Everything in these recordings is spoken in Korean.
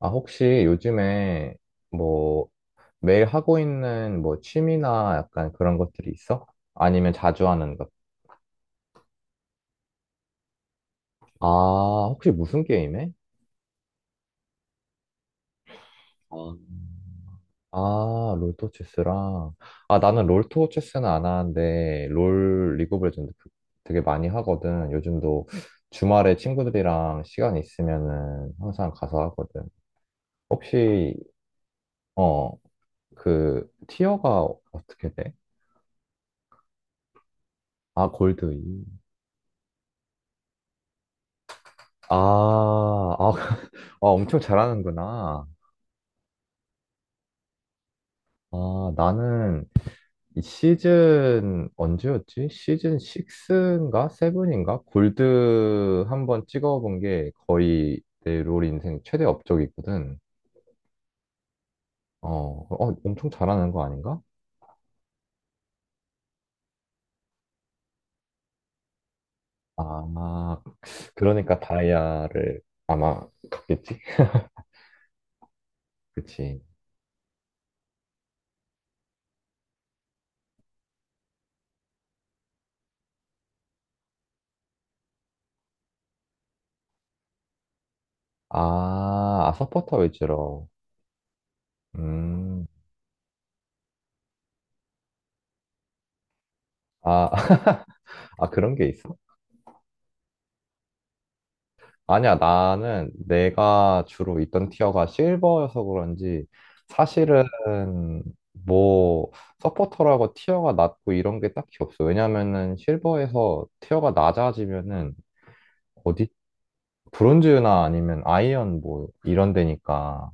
아, 혹시 요즘에 뭐 매일 하고 있는 뭐 취미나 약간 그런 것들이 있어? 아니면 자주 하는 것? 아, 혹시 무슨 게임해? 어, 아, 롤토 체스랑. 아, 나는 롤토 체스는 안 하는데 롤 리그 오브 레전드 되게 많이 하거든. 요즘도 주말에 친구들이랑 시간 있으면은 항상 가서 하거든. 혹시 어, 그 티어가 어떻게 돼? 아, 골드 2. 아, 아, 엄청 잘하는구나. 아, 나는 이 시즌 언제였지? 시즌 6인가? 7인가? 골드 한 번 찍어본 게 거의 내 롤 인생 최대 업적이거든. 어, 어, 엄청 잘하는 거 아닌가? 아, 그러니까 다이아를 아마 갔겠지? 그치. 아, 아, 서포터 위주로. 음, 아, 아, 그런 게 있어? 아니야, 나는 내가 주로 있던 티어가 실버여서 그런지 사실은 뭐 서포터라고 티어가 낮고 이런 게 딱히 없어. 왜냐면은 실버에서 티어가 낮아지면은 어디 브론즈나 아니면 아이언 뭐 이런 데니까.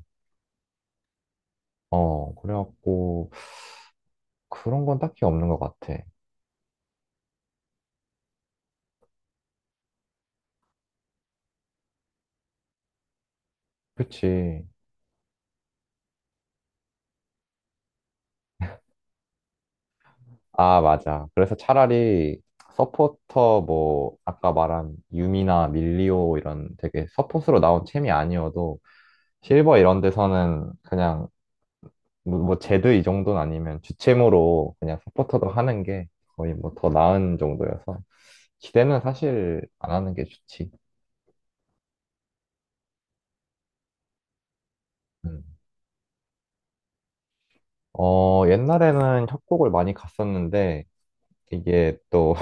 어, 그래갖고 그런 건 딱히 없는 것 같아. 그치. 아, 맞아. 그래서 차라리 서포터 뭐 아까 말한 유미나 밀리오 이런 되게 서폿으로 나온 챔이 아니어도 실버 이런 데서는 그냥 뭐 제드 이 정도는 아니면 주챔으로 그냥 서포터도 하는 게 거의 뭐 더 나은 정도여서 기대는 사실 안 하는 게 좋지. 음. 어, 옛날에는 협곡을 많이 갔었는데 이게 또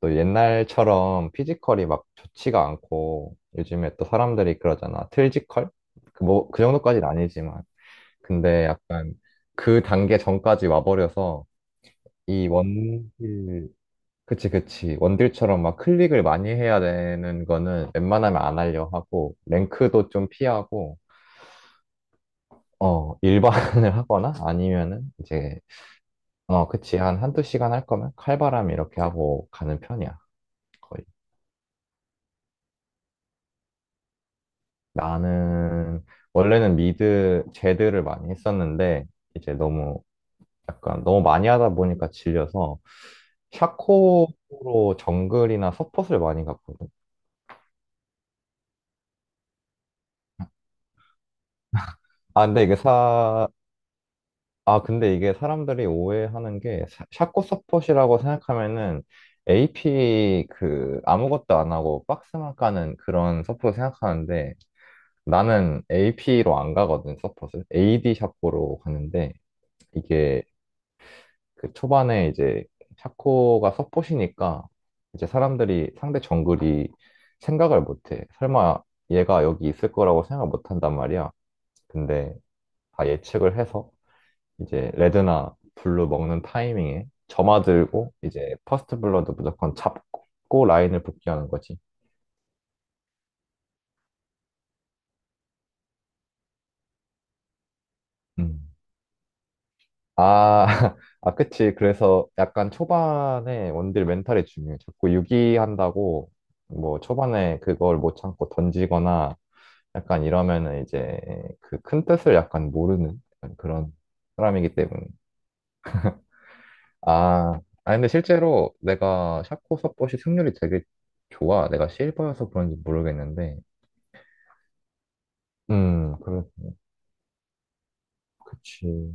옛날처럼 피지컬이 막 좋지가 않고 요즘에 또 사람들이 그러잖아. 틀지컬? 그 뭐, 그 정도까지는 아니지만. 근데 약간 그 단계 전까지 와버려서 이 원딜, 그치, 그치. 원딜처럼 막 클릭을 많이 해야 되는 거는 웬만하면 안 하려 하고, 랭크도 좀 피하고, 어, 일반을 하거나 아니면은 이제, 어, 그치. 한 한두 시간 할 거면 칼바람 이렇게 하고 가는 편이야. 거의. 나는 원래는 미드 제드를 많이 했었는데 이제 너무 약간 너무 많이 하다 보니까 질려서 샤코로 정글이나 서폿을 많이 갔거든. 아 근데 이게 사 아 근데 이게 사람들이 오해하는 게 샤코 서폿이라고 생각하면은 AP 그 아무것도 안 하고 박스만 까는 그런 서폿 생각하는데 나는 AP로 안 가거든 서폿을 AD 샤코로 가는데 이게 그 초반에 이제 샤코가 서폿이니까 이제 사람들이 상대 정글이 생각을 못해. 설마 얘가 여기 있을 거라고 생각 못 한단 말이야. 근데 다 예측을 해서 이제 레드나 블루 먹는 타이밍에 점화 들고 이제 퍼스트 블러드 무조건 잡고 라인을 복귀하는 거지. 음. 아, 아, 그치. 그래서 약간 초반에 원딜 멘탈이 중요해. 자꾸 유기한다고 뭐 초반에 그걸 못 참고 던지거나 약간 이러면은 이제 그 큰 뜻을 약간 모르는 약간 그런 사람이기 때문에. 아, 아 근데 실제로 내가 샤코 서폿이 승률이 되게 좋아. 내가 실버여서 그런지 모르겠는데. 그래, 그치.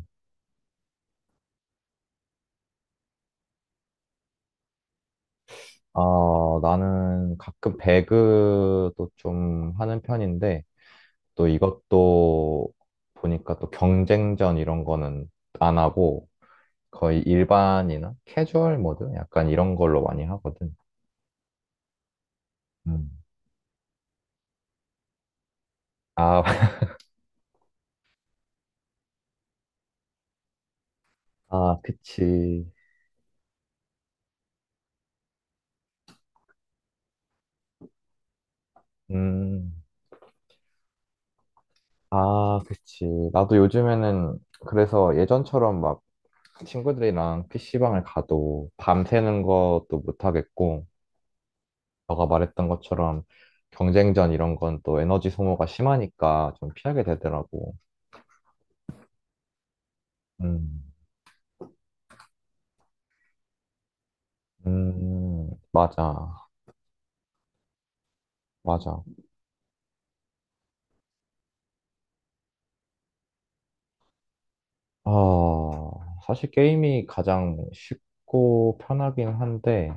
아, 나는 가끔 배그도 좀 하는 편인데, 또 이것도 보니까 또 경쟁전 이런 거는 안 하고, 거의 일반이나 캐주얼 모드? 약간 이런 걸로 많이 하거든. 음. 아, 아, 그치. 음, 아, 그치. 나도 요즘에는 그래서 예전처럼 막 친구들이랑 PC방을 가도 밤새는 것도 못하겠고, 너가 말했던 것처럼 경쟁전 이런 건 또 에너지 소모가 심하니까 좀 피하게 되더라고. 음, 맞아. 맞아. 아, 사실 게임이 가장 쉽고 편하긴 한데,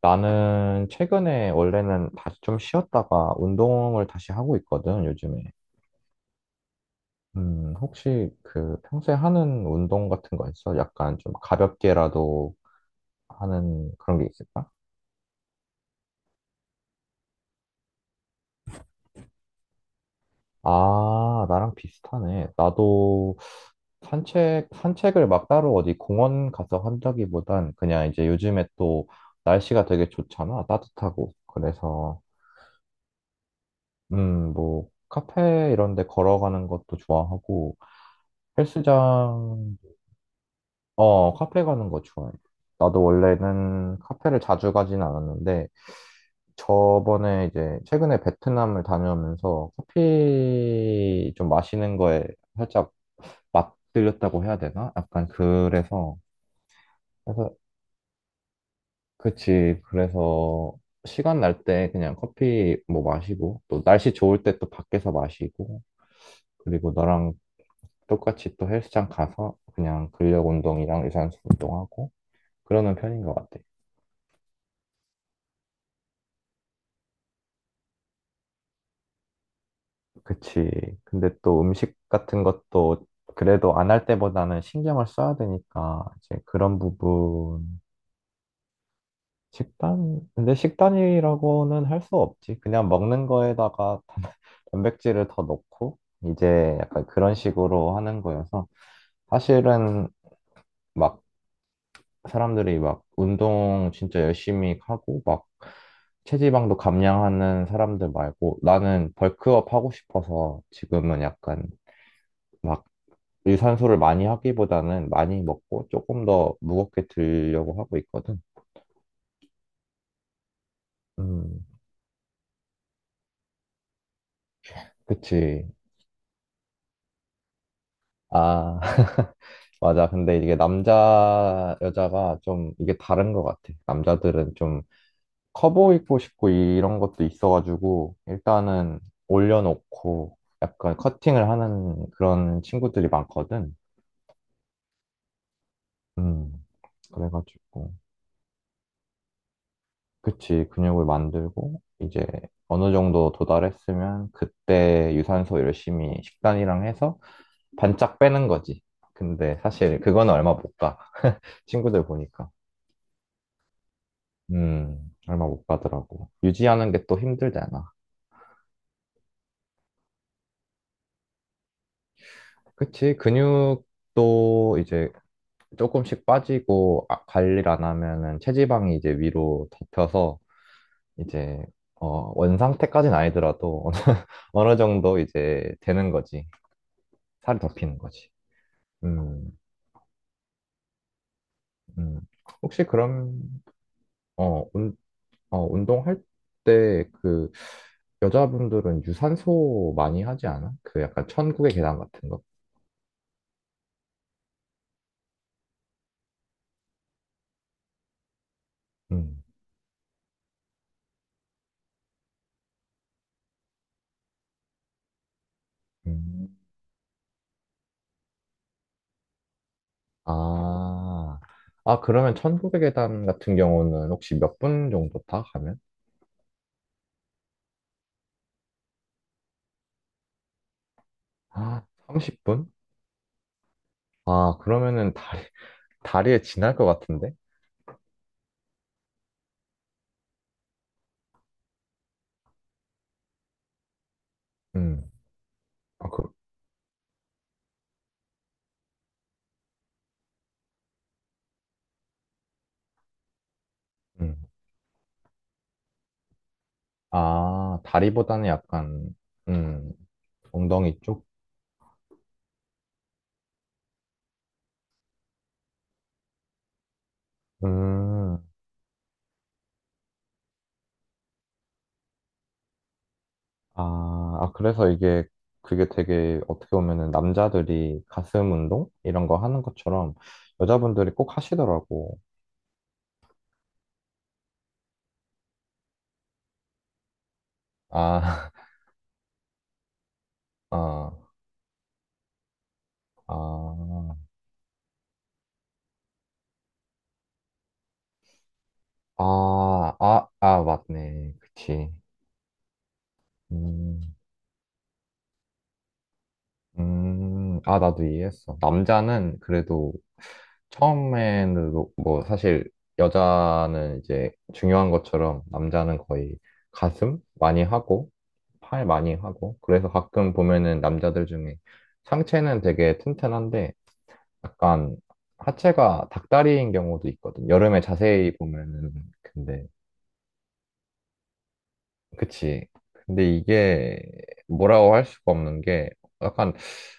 나는 최근에 원래는 다시 좀 쉬었다가 운동을 다시 하고 있거든, 요즘에. 혹시 그 평소에 하는 운동 같은 거 있어? 약간 좀 가볍게라도 하는 그런 게 있을까? 아, 나랑 비슷하네. 나도 산책을 막 따로 어디 공원 가서 한다기보단 그냥 이제 요즘에 또 날씨가 되게 좋잖아. 따뜻하고. 그래서, 뭐, 카페 이런 데 걸어가는 것도 좋아하고, 헬스장 어, 카페 가는 거 좋아해. 나도 원래는 카페를 자주 가진 않았는데, 저번에 이제 최근에 베트남을 다녀오면서 커피 좀 마시는 거에 살짝 맛들렸다고 해야 되나? 약간 그래서, 그래서, 그치. 그래서 시간 날 때 그냥 커피 뭐 마시고, 또 날씨 좋을 때 또 밖에서 마시고, 그리고 너랑 똑같이 또 헬스장 가서 그냥 근력 운동이랑 유산소 운동하고, 그러는 편인 것 같아. 그치. 근데 또 음식 같은 것도 그래도 안 할 때보다는 신경을 써야 되니까 이제 그런 부분 식단 근데 식단이라고는 할 수 없지. 그냥 먹는 거에다가 단백질을 더 넣고 이제 약간 그런 식으로 하는 거여서 사실은 막 사람들이 막 운동 진짜 열심히 하고 막 체지방도 감량하는 사람들 말고 나는 벌크업 하고 싶어서 지금은 약간 막 유산소를 많이 하기보다는 많이 먹고 조금 더 무겁게 들려고 하고 있거든. 음, 그치. 아, 맞아. 근데 이게 남자, 여자가 좀 이게 다른 것 같아. 남자들은 좀 커 보이고 싶고 이런 것도 있어가지고 일단은 올려놓고 약간 커팅을 하는 그런 친구들이 많거든. 음, 그래가지고. 그치, 근육을 만들고, 이제 어느 정도 도달했으면 그때 유산소 열심히 식단이랑 해서 반짝 빼는 거지. 근데 사실 그거는 얼마 못 가. 친구들 보니까. 음, 얼마 못 가더라고. 유지하는 게 또 힘들잖아. 그치, 근육도 이제 조금씩 빠지고 아, 관리를 안 하면은 체지방이 이제 위로 덮여서 이제 어, 원상태까지는 아니더라도 어느 정도 이제 되는 거지. 살이 덮이는 거지. 음, 음. 혹시 그럼, 어, 운, 어, 운동할 때 그, 여자분들은 유산소 많이 하지 않아? 그 약간 천국의 계단 같은 거? 음, 음. 아, 아, 그러면 천국의 계단 같은 경우는 혹시 몇 분 정도 다 가면? 아, 30분? 아, 그러면은 다리에 지날 것 같은데? 음, 아, 그, 음. 아, 다리보다는 약간, 음, 엉덩이 쪽? 음. 아, 아, 그래서 이게, 그게 되게 어떻게 보면은 남자들이 가슴 운동? 이런 거 하는 것처럼 여자분들이 꼭 하시더라고. 아, 아, 아, 아, 맞네. 그치. 음, 아, 나도 이해했어. 남자는 그래도 처음에는 뭐 사실 여자는 이제 중요한 것처럼 남자는 거의 가슴 많이 하고 팔 많이 하고 그래서 가끔 보면은 남자들 중에 상체는 되게 튼튼한데 약간 하체가 닭다리인 경우도 있거든. 여름에 자세히 보면은 근데 그치. 근데 이게 뭐라고 할 수가 없는 게 약간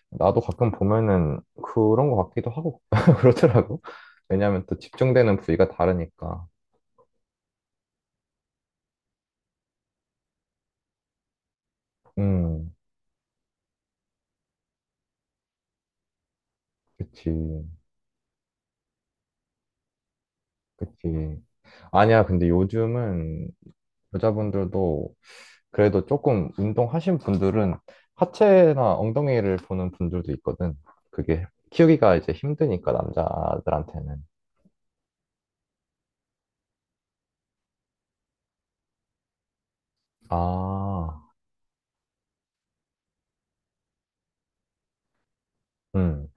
나도 가끔 보면은 그런 것 같기도 하고 그러더라고. 왜냐면 또 집중되는 부위가 다르니까. 음, 그치. 그치. 아니야, 근데 요즘은 여자분들도 그래도 조금 운동하신 분들은 하체나 엉덩이를 보는 분들도 있거든. 그게 키우기가 이제 힘드니까 남자들한테는. 아, 음,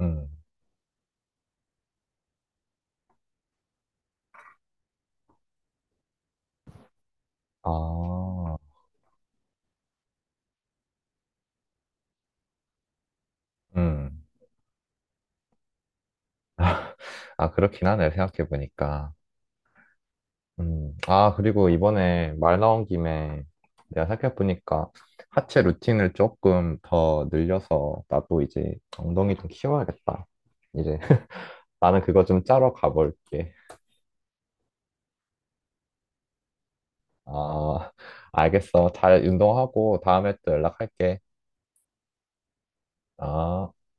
음. 아. 음. 아, 그렇긴 하네, 생각해보니까. 음. 아, 그리고 이번에 말 나온 김에 내가 생각해보니까 하체 루틴을 조금 더 늘려서 나도 이제 엉덩이 좀 키워야겠다. 이제 나는 그거 좀 짜러 가볼게. 아, 알겠어. 잘 운동하고 다음에 또 연락할게. 아.